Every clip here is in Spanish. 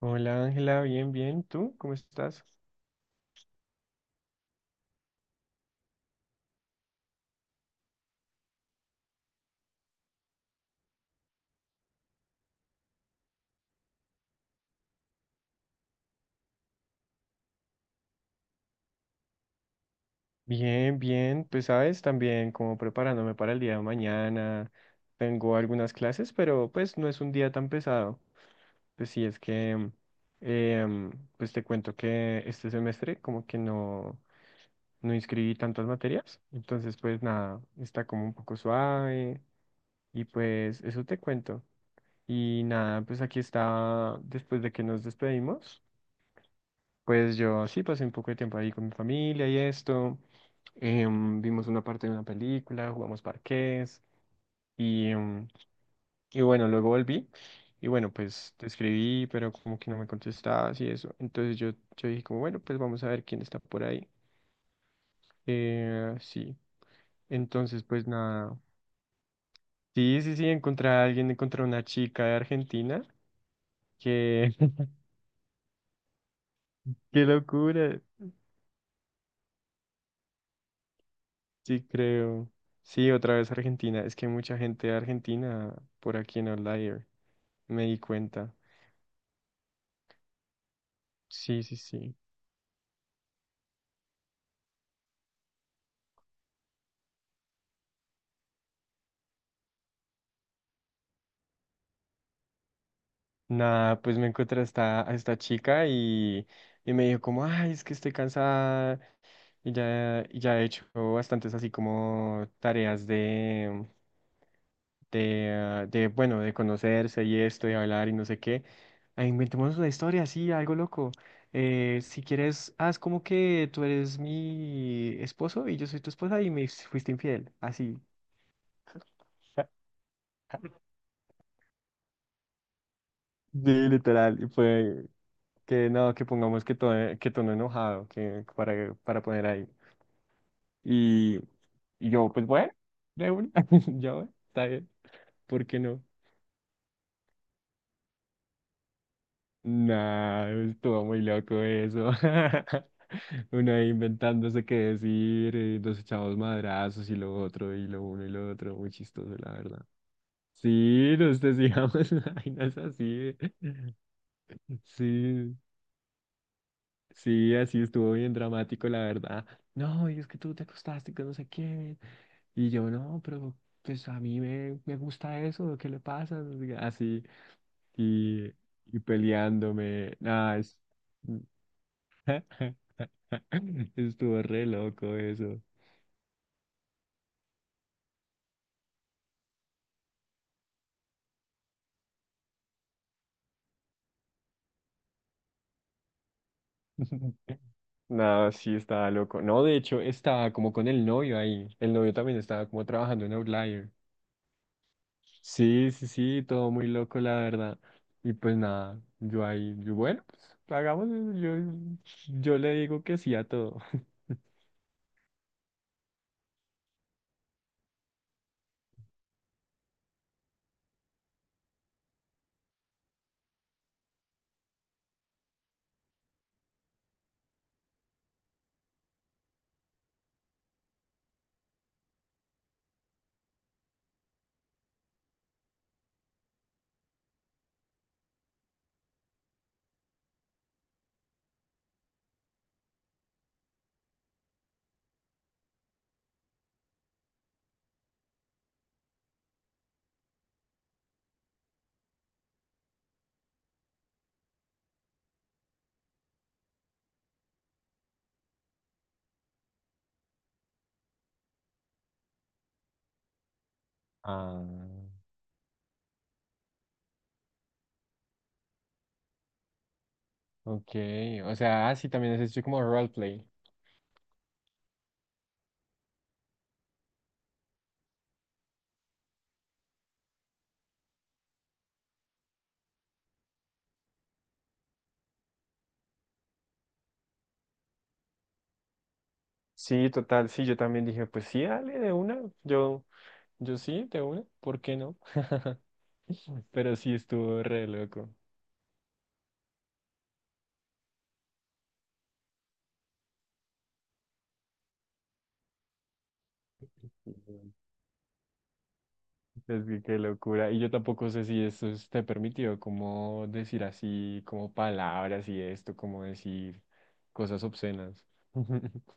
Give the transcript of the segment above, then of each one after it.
Hola Ángela, bien, bien. ¿Tú cómo estás? Bien, bien. Pues sabes, también como preparándome para el día de mañana. Tengo algunas clases, pero pues no es un día tan pesado. Pues sí, es que, em, pues te cuento que este semestre como que no, no inscribí tantas materias. Entonces, pues nada, está como un poco suave. Y pues eso te cuento. Y nada, pues aquí está después de que nos despedimos. Pues yo sí pasé un poco de tiempo ahí con mi familia y esto. Vimos una parte de una película, jugamos parqués y, em, y bueno, luego volví y bueno, pues te escribí, pero como que no me contestabas y eso. Entonces yo dije como, bueno, pues vamos a ver quién está por ahí. Eh, sí, entonces pues nada. Sí, sí, sí, encontré a alguien, encontré a una chica de Argentina. Que ¡qué locura! Sí, creo. Sí, otra vez Argentina. Es que hay mucha gente de Argentina por aquí en Outlier. Me di cuenta. Sí, sí, sí. Nada, pues me encontré a esta chica y me dijo como, ay, es que estoy cansada y ya he hecho bastantes así como tareas de, bueno, de conocerse y esto, y hablar y no sé qué. Ah, inventemos una historia, así algo loco. Si quieres, haz como que tú eres mi esposo y yo soy tu esposa y me fuiste infiel, así. Sí, literal, y fue que no, que pongamos que tono enojado, que para poner ahí. Y, y yo, pues bueno, de una, yo, está bien, ¿por qué no? Nah, estuvo muy loco eso. Uno ahí inventándose qué decir, nos echamos madrazos y lo otro, y lo uno y lo otro, muy chistoso, la verdad. Sí, nos decíamos vainas así. Sí, sí, así estuvo bien dramático, la verdad. No, y es que tú te acostaste con no sé quién. Y yo, no, pero pues a mí me gusta eso, ¿qué le pasa? No sé qué, así, y, y peleándome. Nada, es. Estuvo re loco eso. Nada, sí, estaba loco. No, de hecho, estaba como con el novio ahí. El novio también estaba como trabajando en Outlier. Sí, sí, sí, todo muy loco, la verdad. Y pues nada, yo ahí, yo, bueno, pues hagamos eso. Yo le digo que sí a todo. Ah, ok. O sea, ah, sí, también es esto como roleplay. Sí, total, sí, yo también dije, pues sí, dale de una. Yo. Yo sí, de una, ¿por qué no? Pero sí estuvo re loco. Ujú. Es que qué locura. Y yo tampoco sé si eso esté permitido, como decir así, como palabras y esto, como decir cosas obscenas.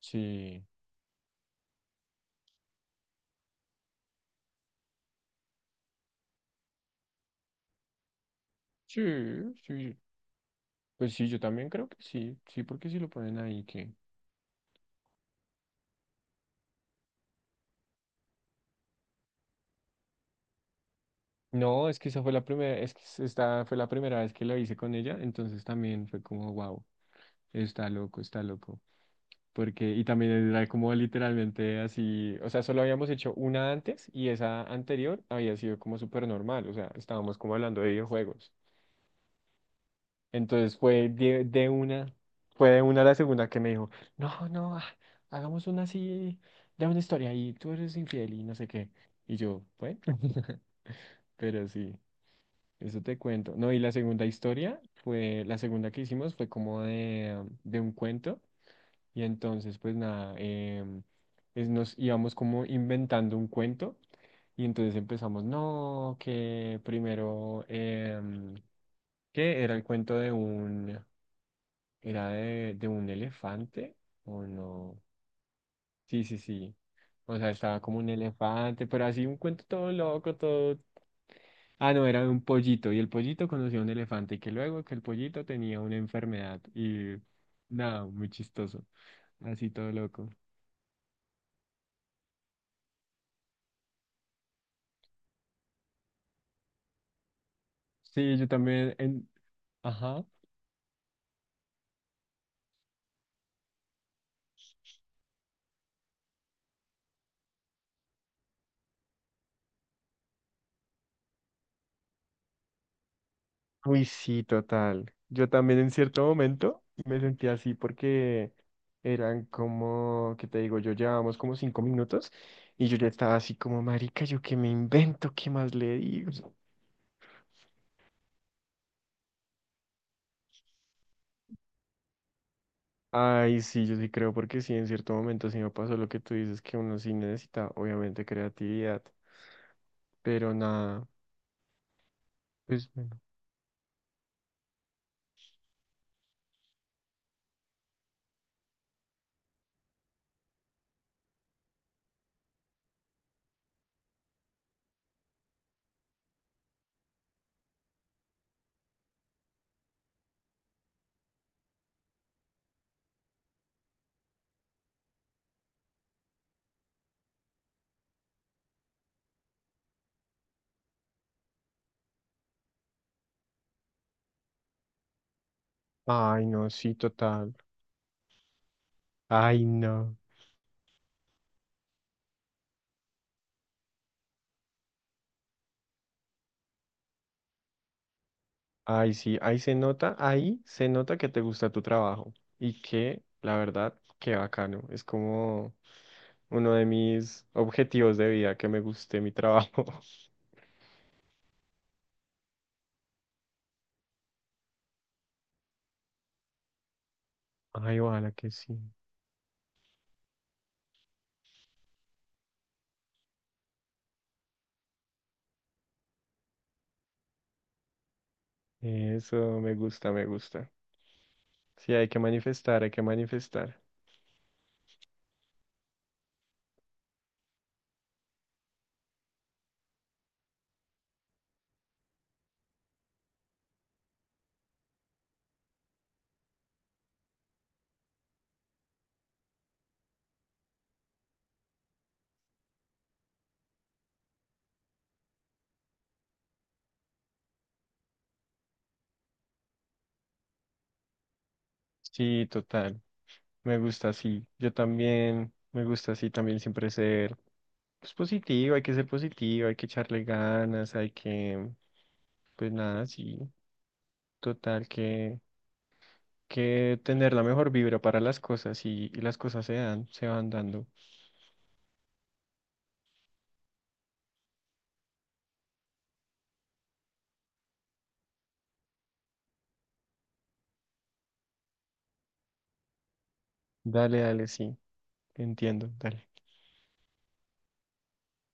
Sí, sí, sí. Pues sí, yo también creo que sí, sí, porque si lo ponen ahí que... No, es que esa fue la primera, es que s- esta fue la primera vez que lo hice con ella, entonces también fue como, wow, está loco, está loco. Porque, y también era como literalmente así, o sea, solo habíamos hecho una antes y esa anterior había sido como súper normal, o sea, estábamos como hablando de videojuegos. Entonces fue de una, fue de una a la segunda que me dijo, no, no, hagamos una así, de una historia y tú eres infiel y no sé qué. Y yo, bueno, pero sí. Eso te cuento. No, y la segunda historia fue, la segunda que hicimos fue como de un cuento. Y entonces, pues nada, nos íbamos como inventando un cuento. Y entonces empezamos, no, que primero, que era el cuento de un elefante, o no. Sí, sí, sí. O sea, estaba como un elefante, pero así un cuento todo loco, todo... Ah, no, era de un pollito y el pollito conoció a un elefante y que luego que el pollito tenía una enfermedad y nada, muy chistoso, así todo loco. Sí, yo también en... Ajá. Uy, sí, total. Yo también en cierto momento me sentí así porque eran como, ¿qué te digo? Yo llevábamos como 5 minutos y yo ya estaba así como, marica, ¿yo qué me invento? ¿Qué más le digo? Ay, sí, yo sí creo, porque sí, en cierto momento sí me pasó lo que tú dices, que uno sí necesita, obviamente, creatividad, pero nada, pues bueno. Ay, no, sí, total. Ay, no. Ay, sí, ahí se nota que te gusta tu trabajo y que, la verdad, qué bacano. Es como uno de mis objetivos de vida, que me guste mi trabajo. Ay, ojalá que sí. Eso me gusta, me gusta. Sí, hay que manifestar, hay que manifestar. Sí, total. Me gusta así. Yo también me gusta así también siempre ser pues, positivo, hay que ser positivo, hay que echarle ganas, hay que, pues nada, sí. Total, que tener la mejor vibra para las cosas y las cosas se dan, se van dando. Dale, dale, sí. Entiendo, dale.